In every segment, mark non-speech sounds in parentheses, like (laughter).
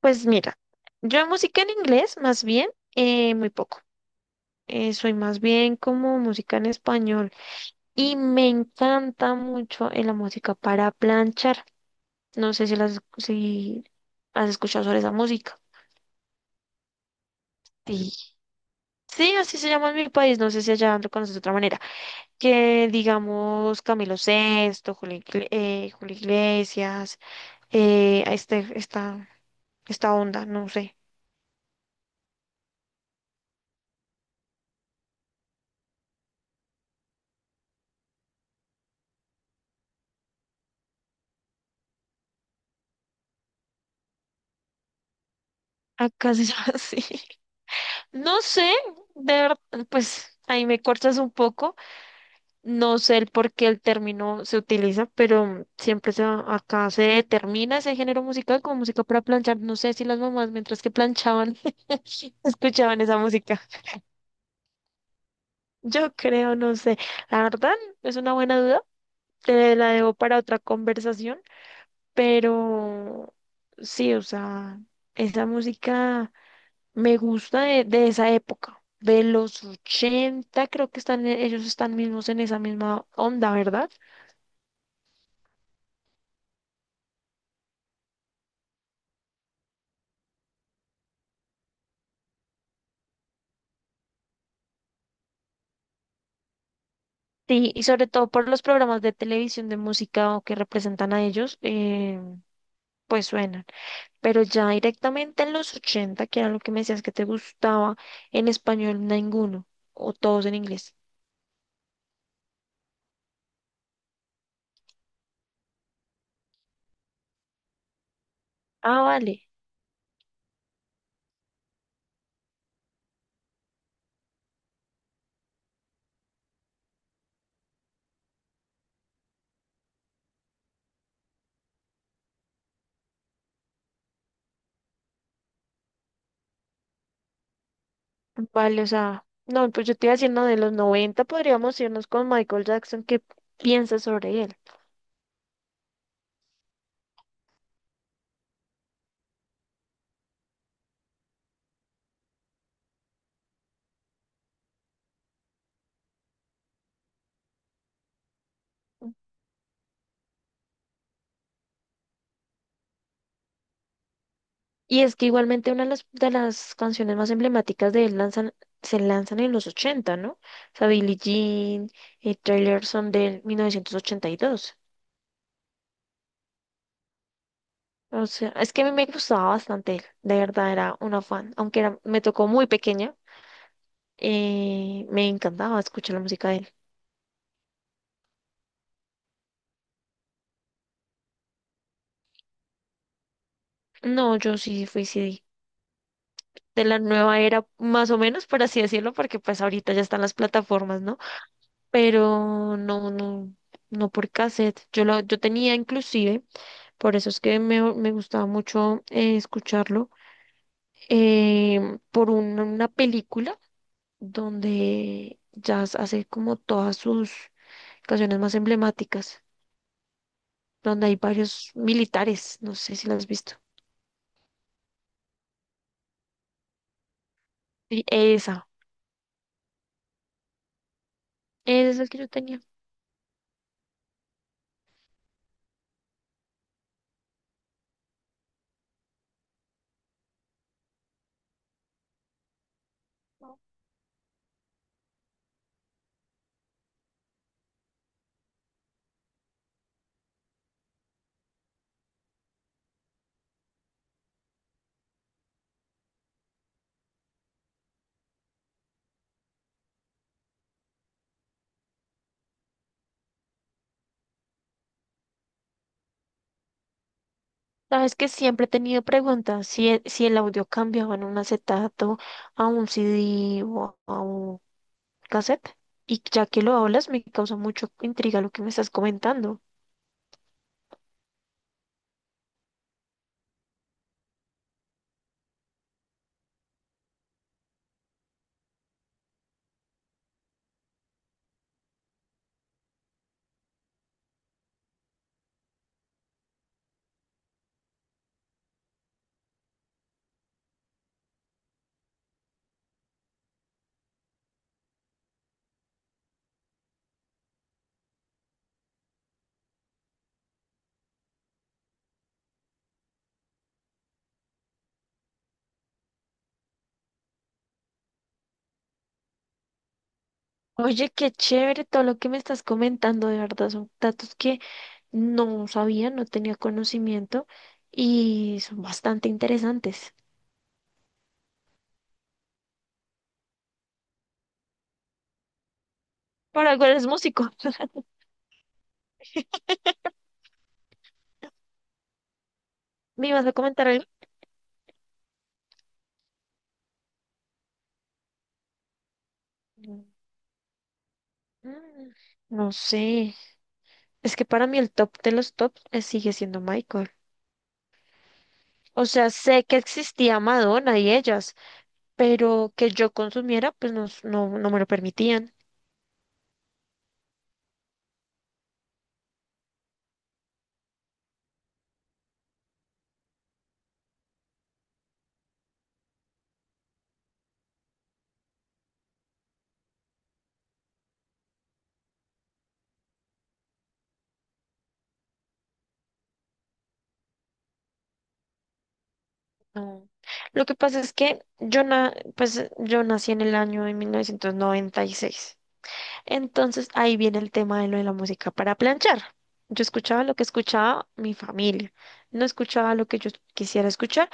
Pues mira, yo música en inglés más bien, muy poco. Soy más bien como música en español y me encanta mucho la música para planchar. No sé si, si has escuchado sobre esa música. Sí. Sí, así se llama en mi país, no sé si allá lo conoces de otra manera. Que digamos Camilo Sesto, Julio, Julio Iglesias, eh, a este, esta, esta onda, no sé. Acá se llama (laughs) así. No sé, de verdad, pues ahí me cortas un poco. No sé el por qué el término se utiliza, pero acá se determina ese género musical como música para planchar. No sé si las mamás, mientras que planchaban, (laughs) escuchaban esa música. Yo creo, no sé. La verdad, es una buena duda. Te la debo para otra conversación, pero sí, o sea, esa música. Me gusta de esa época, de los 80 creo que ellos están mismos en esa misma onda, ¿verdad? Sí, y sobre todo por los programas de televisión de música o que representan a ellos, pues suenan. Pero ya directamente en los 80 que era lo que me decías que te gustaba, en español ninguno, o todos en inglés. Ah, vale, o sea, no, pues yo te iba diciendo de los 90 podríamos irnos con Michael Jackson, ¿qué piensas sobre él? Y es que igualmente una de las canciones más emblemáticas de se lanzan en los 80, ¿no? O sea, Billie Jean y Taylor son de 1982. O sea, es que a mí me gustaba bastante él, de verdad era una fan, aunque era, me tocó muy pequeña, me encantaba escuchar la música de él. No, yo sí fui CD, de la nueva era, más o menos, por así decirlo, porque pues ahorita ya están las plataformas, ¿no? Pero no por cassette. Yo tenía inclusive, por eso es que me gustaba mucho escucharlo, una película donde Jazz hace como todas sus canciones más emblemáticas, donde hay varios militares, no sé si las has visto. Y esa, esa es la que yo tenía. Sabes que siempre he tenido preguntas si el audio cambiaba en un acetato a un c d o a un cassette. Y ya que lo hablas, me causa mucho intriga lo que me estás comentando. Oye, qué chévere todo lo que me estás comentando, de verdad, son datos que no sabía, no tenía conocimiento y son bastante interesantes. Por algo eres músico. ¿Me ibas a comentar algo? Mm, No sé, es que para mí el top de los tops sigue siendo Michael. O sea, sé que existía Madonna y ellas, pero que yo consumiera, pues no me lo permitían. No. Lo que pasa es que pues, yo nací en el año de 1996. Entonces ahí viene el tema de lo de la música para planchar. Yo escuchaba lo que escuchaba mi familia, no escuchaba lo que yo quisiera escuchar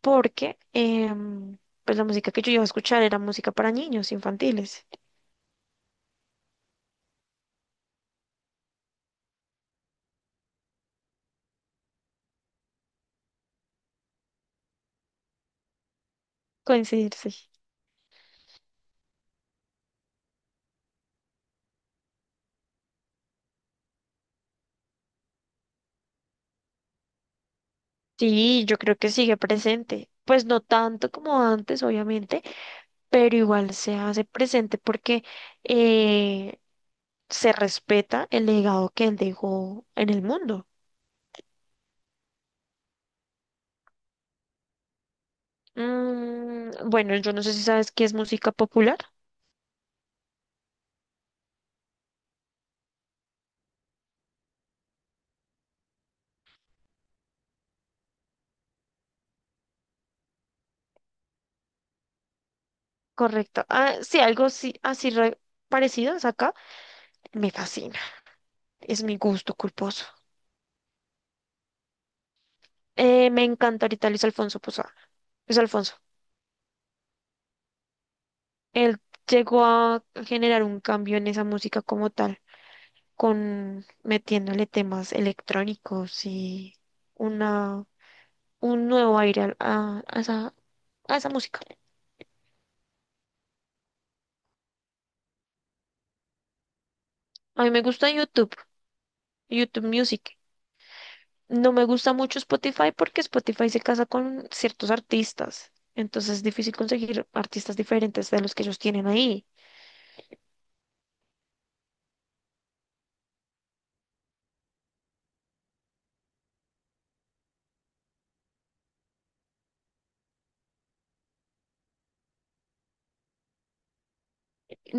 porque pues la música que yo iba a escuchar era música para niños infantiles. Coincidirse. Sí, yo creo que sigue presente. Pues no tanto como antes, obviamente, pero igual se hace presente porque eh, se respeta el legado que él dejó en el mundo. Bueno, yo no sé si sabes qué es música popular. Correcto. Ah, sí, algo sí, parecido es acá. Me fascina. Es mi gusto culposo. Me encanta ahorita Luis Alfonso Posada. Luis Alfonso. Él llegó a generar un cambio en esa música como tal, con metiéndole temas electrónicos y una, un nuevo aire a esa música. A mí me gusta YouTube. YouTube Music. No me gusta mucho Spotify porque Spotify se casa con ciertos artistas. Entonces es difícil conseguir artistas diferentes de los que ellos tienen ahí.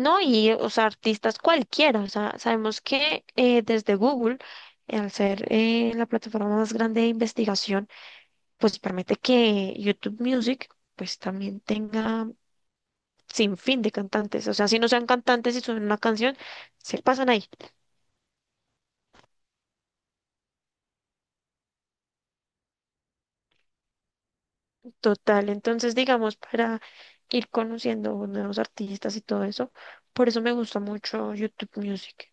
No, y o sea, artistas cualquiera. O sea, sabemos que desde Google, al ser la plataforma más grande de investigación, pues permite que YouTube Music pues también tenga sin fin de cantantes. O sea, si no sean cantantes y suben una canción, se pasan ahí. Total, entonces digamos para ir conociendo nuevos artistas y todo eso, por eso me gusta mucho YouTube Music,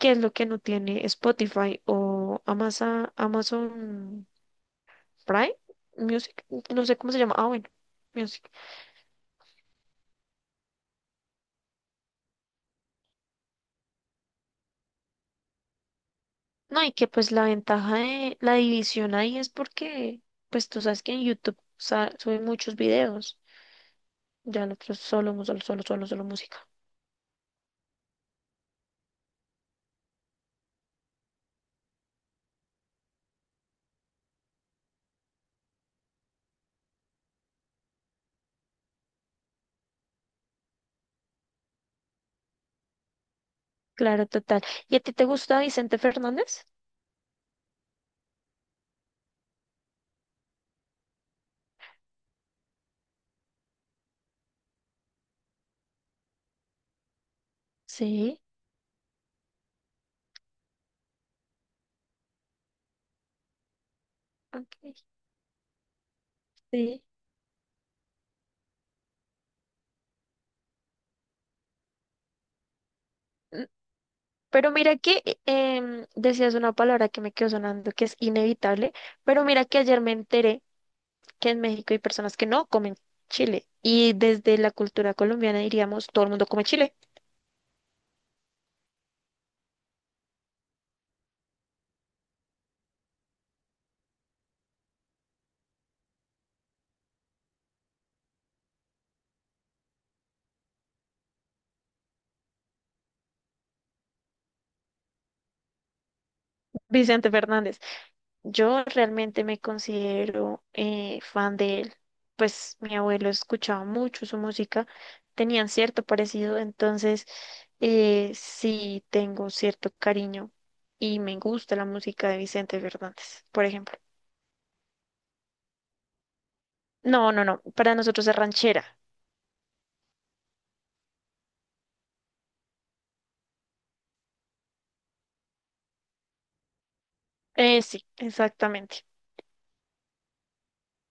que es lo que no tiene Spotify o Amazon, Amazon Prime Music, no sé cómo se llama, ah bueno, Music. No, y que pues la ventaja de la división ahí es porque pues tú sabes que en YouTube suben muchos videos, ya nosotros solo música. Claro, total. ¿Y a ti te gusta Vicente Fernández? Sí, ok, sí. Mm, pero mira que decías una palabra que me quedó sonando que es inevitable, pero mira que ayer me enteré que en México hay personas que no comen chile y desde la cultura colombiana diríamos todo el mundo come chile. (laughs) Vicente Fernández. Yo realmente me considero fan de él, pues mi abuelo escuchaba mucho su música, tenían cierto parecido, entonces sí tengo cierto cariño y me gusta la música de Vicente Fernández, por ejemplo. No, no, no, para nosotros es ranchera. Sí, exactamente.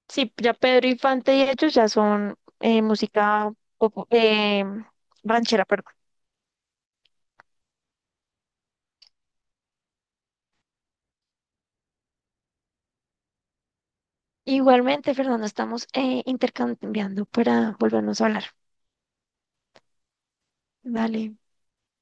Sí, ya Pedro Infante y ellos ya son música popu- eh, ranchera, perdón. Igualmente, Fernando, estamos intercambiando para volvernos a hablar. Dale.